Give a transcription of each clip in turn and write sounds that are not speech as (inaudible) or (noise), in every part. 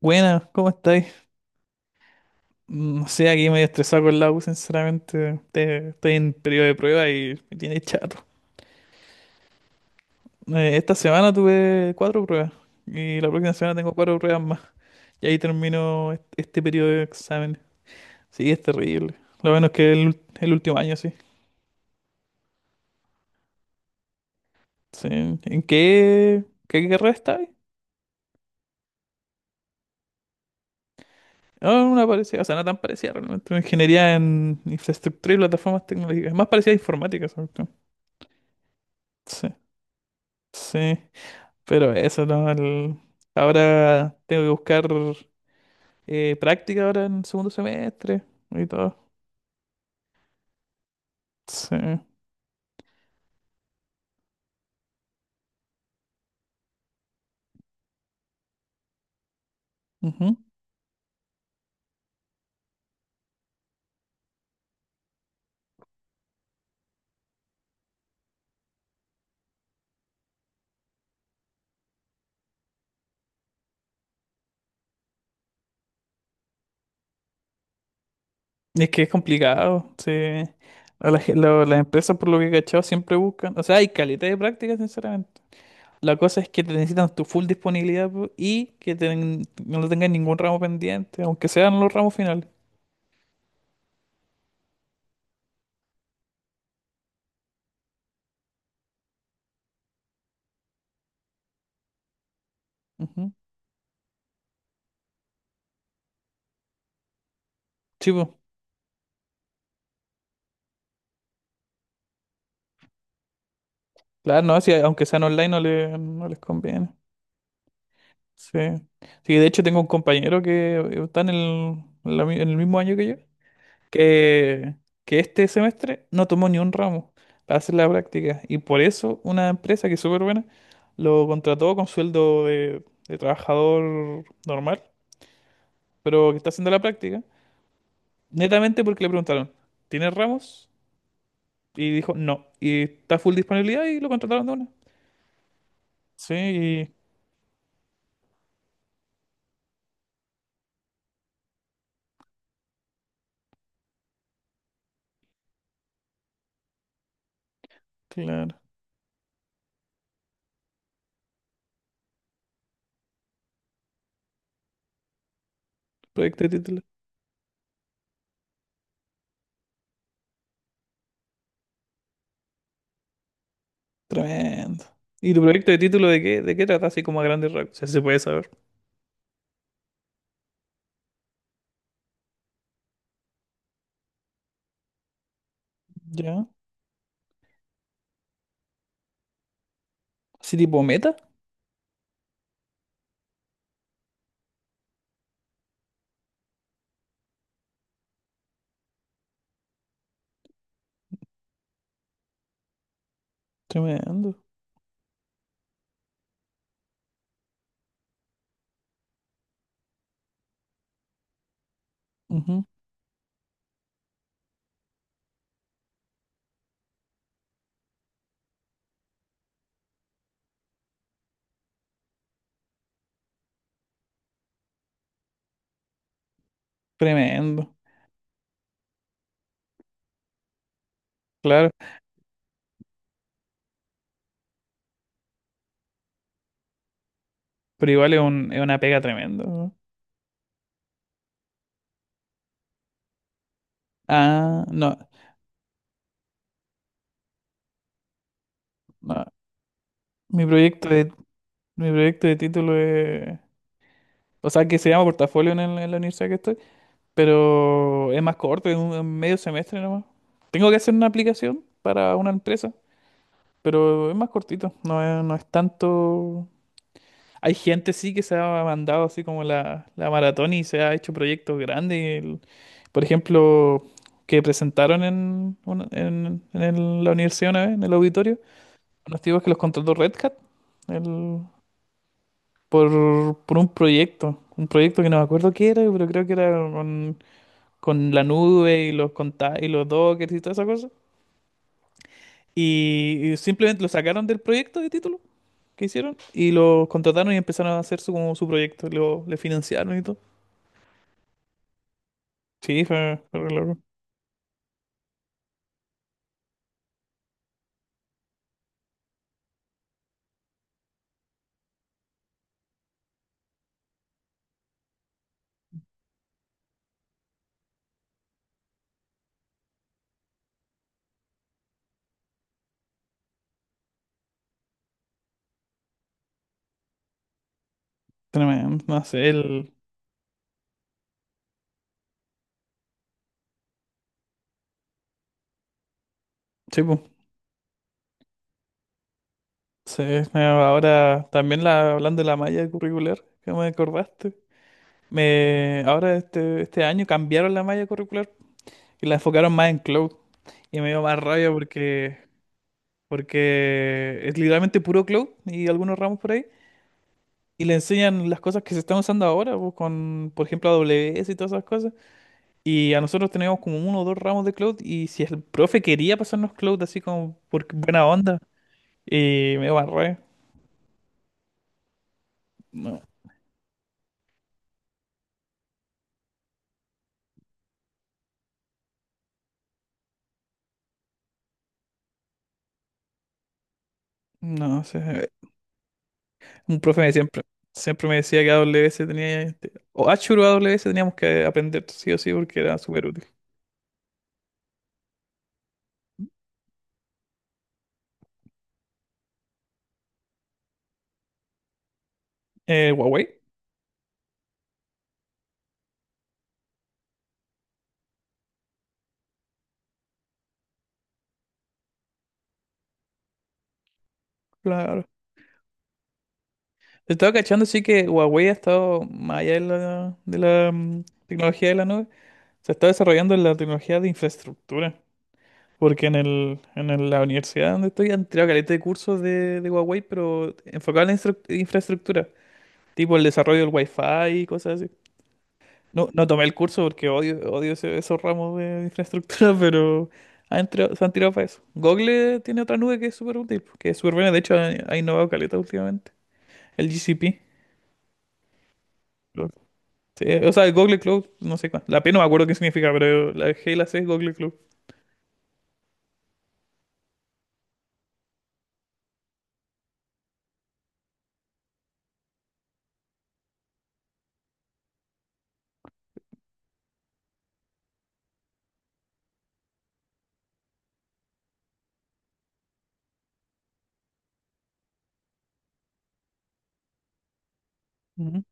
Buenas, ¿cómo estáis? No sé, aquí medio estresado con la U, sinceramente. Estoy en periodo de prueba y me tiene chato. Esta semana tuve cuatro pruebas y la próxima semana tengo cuatro pruebas más. Y ahí termino este periodo de exámenes. Sí, es terrible. Lo bueno es que el último año, sí. Sí. ¿En qué carrera estáis? No, no, una parecida, o sea, no tan parecida realmente. Una ingeniería en infraestructura y plataformas tecnológicas. Más parecida a informática, sobre todo. Sí, sí. Pero eso, ¿no? Ahora tengo que buscar práctica ahora en el segundo semestre y todo. Sí. Ujú. Y es que es complicado. Sí. A la ge- lo- las empresas, por lo que he cachado, siempre buscan. O sea, hay calidad de práctica, sinceramente. La cosa es que te necesitan tu full disponibilidad po, y que no tengas ningún ramo pendiente, aunque sean los ramos finales. Ujú. Sí, po. Claro, no, si, aunque sean online no, no les conviene. Sí. Sí, de hecho tengo un compañero que está en el, en la mi- en el mismo año que yo, que, que este semestre no tomó ni un ramo para hacer la práctica. Y por eso una empresa que es súper buena lo contrató con sueldo de trabajador normal, pero que está haciendo la práctica, netamente porque le preguntaron, ¿tienes ramos? Y dijo, no. Y está full disponibilidad y lo contrataron de una. Sí, claro. Proyecto de título. Tremendo. ¿Y tu proyecto de título de qué trata así como a grandes rasgos? Si se puede saber. ¿Ya? Así tipo meta. Tremendo. Ujú. Tremendo. Claro, pero igual es una pega tremenda, ¿no? Ah, no, no. Mi proyecto de, mi proyecto de título es... O sea, que se llama portafolio en la universidad que estoy, pero es más corto, es medio semestre nomás. Tengo que hacer una aplicación para una empresa, pero es más cortito, no es tanto. Hay gente sí que se ha mandado así como la maratón y se ha hecho proyectos grandes. Por ejemplo, que presentaron en la universidad una vez, en el auditorio, unos tipos que los contrató Red Hat el- por un proyecto. Un proyecto que no me acuerdo qué era, pero creo que era con la nube y los dockers y toda esa cosa. Y simplemente lo sacaron del proyecto de título que hicieron y los contrataron y empezaron a hacer su proyecto. Le financiaron y todo. Sí, fue re loco. Tremendo. No sé, el. Sí, pues. Sí, me ahora también hablando de la malla curricular, que me acordaste. Ahora este año cambiaron la malla curricular y la enfocaron más en cloud. Y me dio más rabia porque es literalmente puro cloud y algunos ramos por ahí. Y le enseñan las cosas que se están usando ahora, pues, por ejemplo, AWS y todas esas cosas. Y a nosotros teníamos como uno o dos ramos de cloud. Y si el profe quería pasarnos cloud así como por buena onda. Y me barré. No, no sé. Un profe me siempre me decía que A W AWS tenía, o Azure o AWS teníamos que aprender sí o sí porque era súper útil. Huawei, claro. Estaba cachando, sí que Huawei ha estado más allá de la tecnología de la nube. Se está desarrollando en la tecnología de infraestructura. Porque en la universidad donde estoy han tirado caleta de cursos de Huawei, pero enfocado en la infraestructura. Tipo el desarrollo del Wi-Fi y cosas así. No, no tomé el curso porque odio esos ramos de infraestructura, (laughs) pero se han tirado para eso. Google tiene otra nube que es súper útil, que es súper buena. De hecho, ha innovado caleta últimamente. El GCP. Lo- sí, o sea, el Google Cloud, no sé cuál. La P no me acuerdo qué significa, pero la G y la C es Google Cloud. Ujú.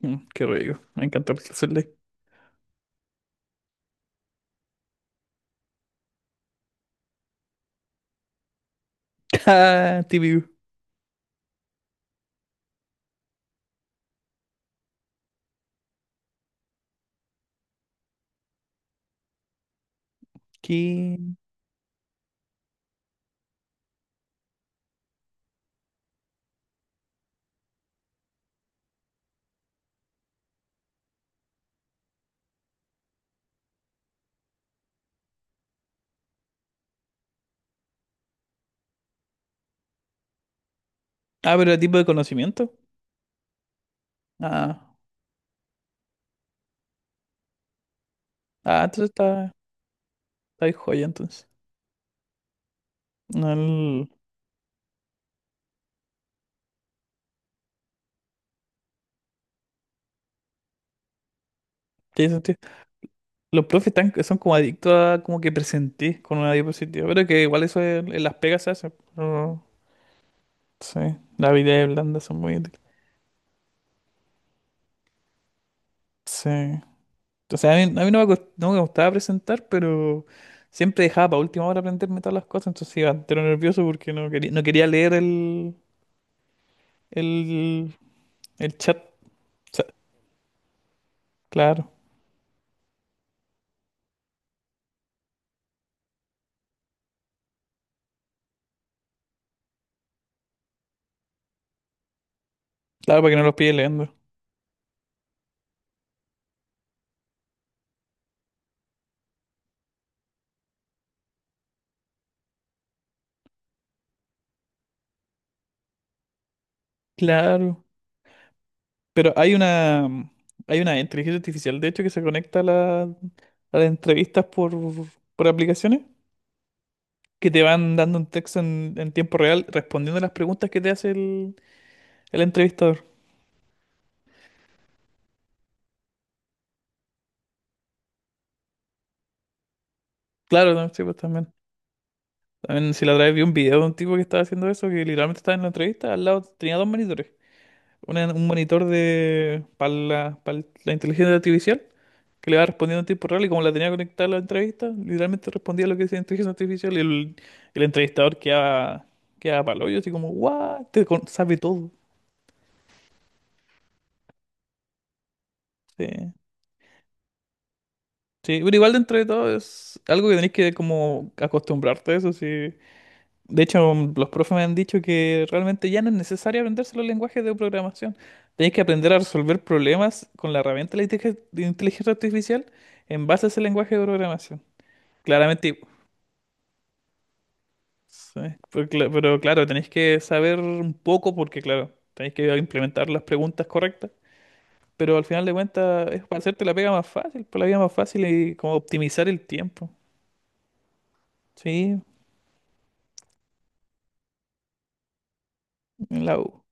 Qué rico. Me encantó el clase online. (laughs) Ah, TVU. ¿Qué? Ah, pero el tipo de conocimiento. Ah, ah entonces está ahí joya entonces. No, ¿tiene sentido? Los profes son como adictos a como que presentís con una diapositiva, pero que igual eso en las pegas se hace. Pero sí, las habilidades blandas son muy útiles. Sí. O sea, a mí no me gustaba presentar, pero siempre dejaba para última hora aprenderme todas las cosas, entonces iba entero nervioso porque no quería leer el, el chat. O sea, claro, claro, para que no los pille leyendo. Claro. Pero hay una inteligencia artificial, de hecho, que se conecta a las entrevistas por aplicaciones, que te van dando un texto en tiempo real respondiendo a las preguntas que te hace el entrevistador. Claro, ¿no? Sí, pues también. También si la otra vez vi un video de un tipo que estaba haciendo eso, que literalmente estaba en la entrevista, al lado tenía dos monitores. Un monitor para la inteligencia artificial que le va respondiendo en tiempo real y como la tenía conectada a la entrevista, literalmente respondía lo que decía la inteligencia artificial y el entrevistador quedaba para el hoyo, así como, ¡guau! Sabe todo. Sí. Sí, pero igual dentro de todo es algo que tenés que como acostumbrarte a eso, sí. De hecho, los profes me han dicho que realmente ya no es necesario aprenderse los lenguajes de programación. Tenés que aprender a resolver problemas con la herramienta de inteligencia artificial en base a ese lenguaje de programación. Claramente. Sí, pero, pero claro, tenéis que saber un poco porque, claro, tenéis que implementar las preguntas correctas. Pero al final de cuentas es para hacerte la pega más fácil, por la vida más fácil y como optimizar el tiempo. Sí, en la U.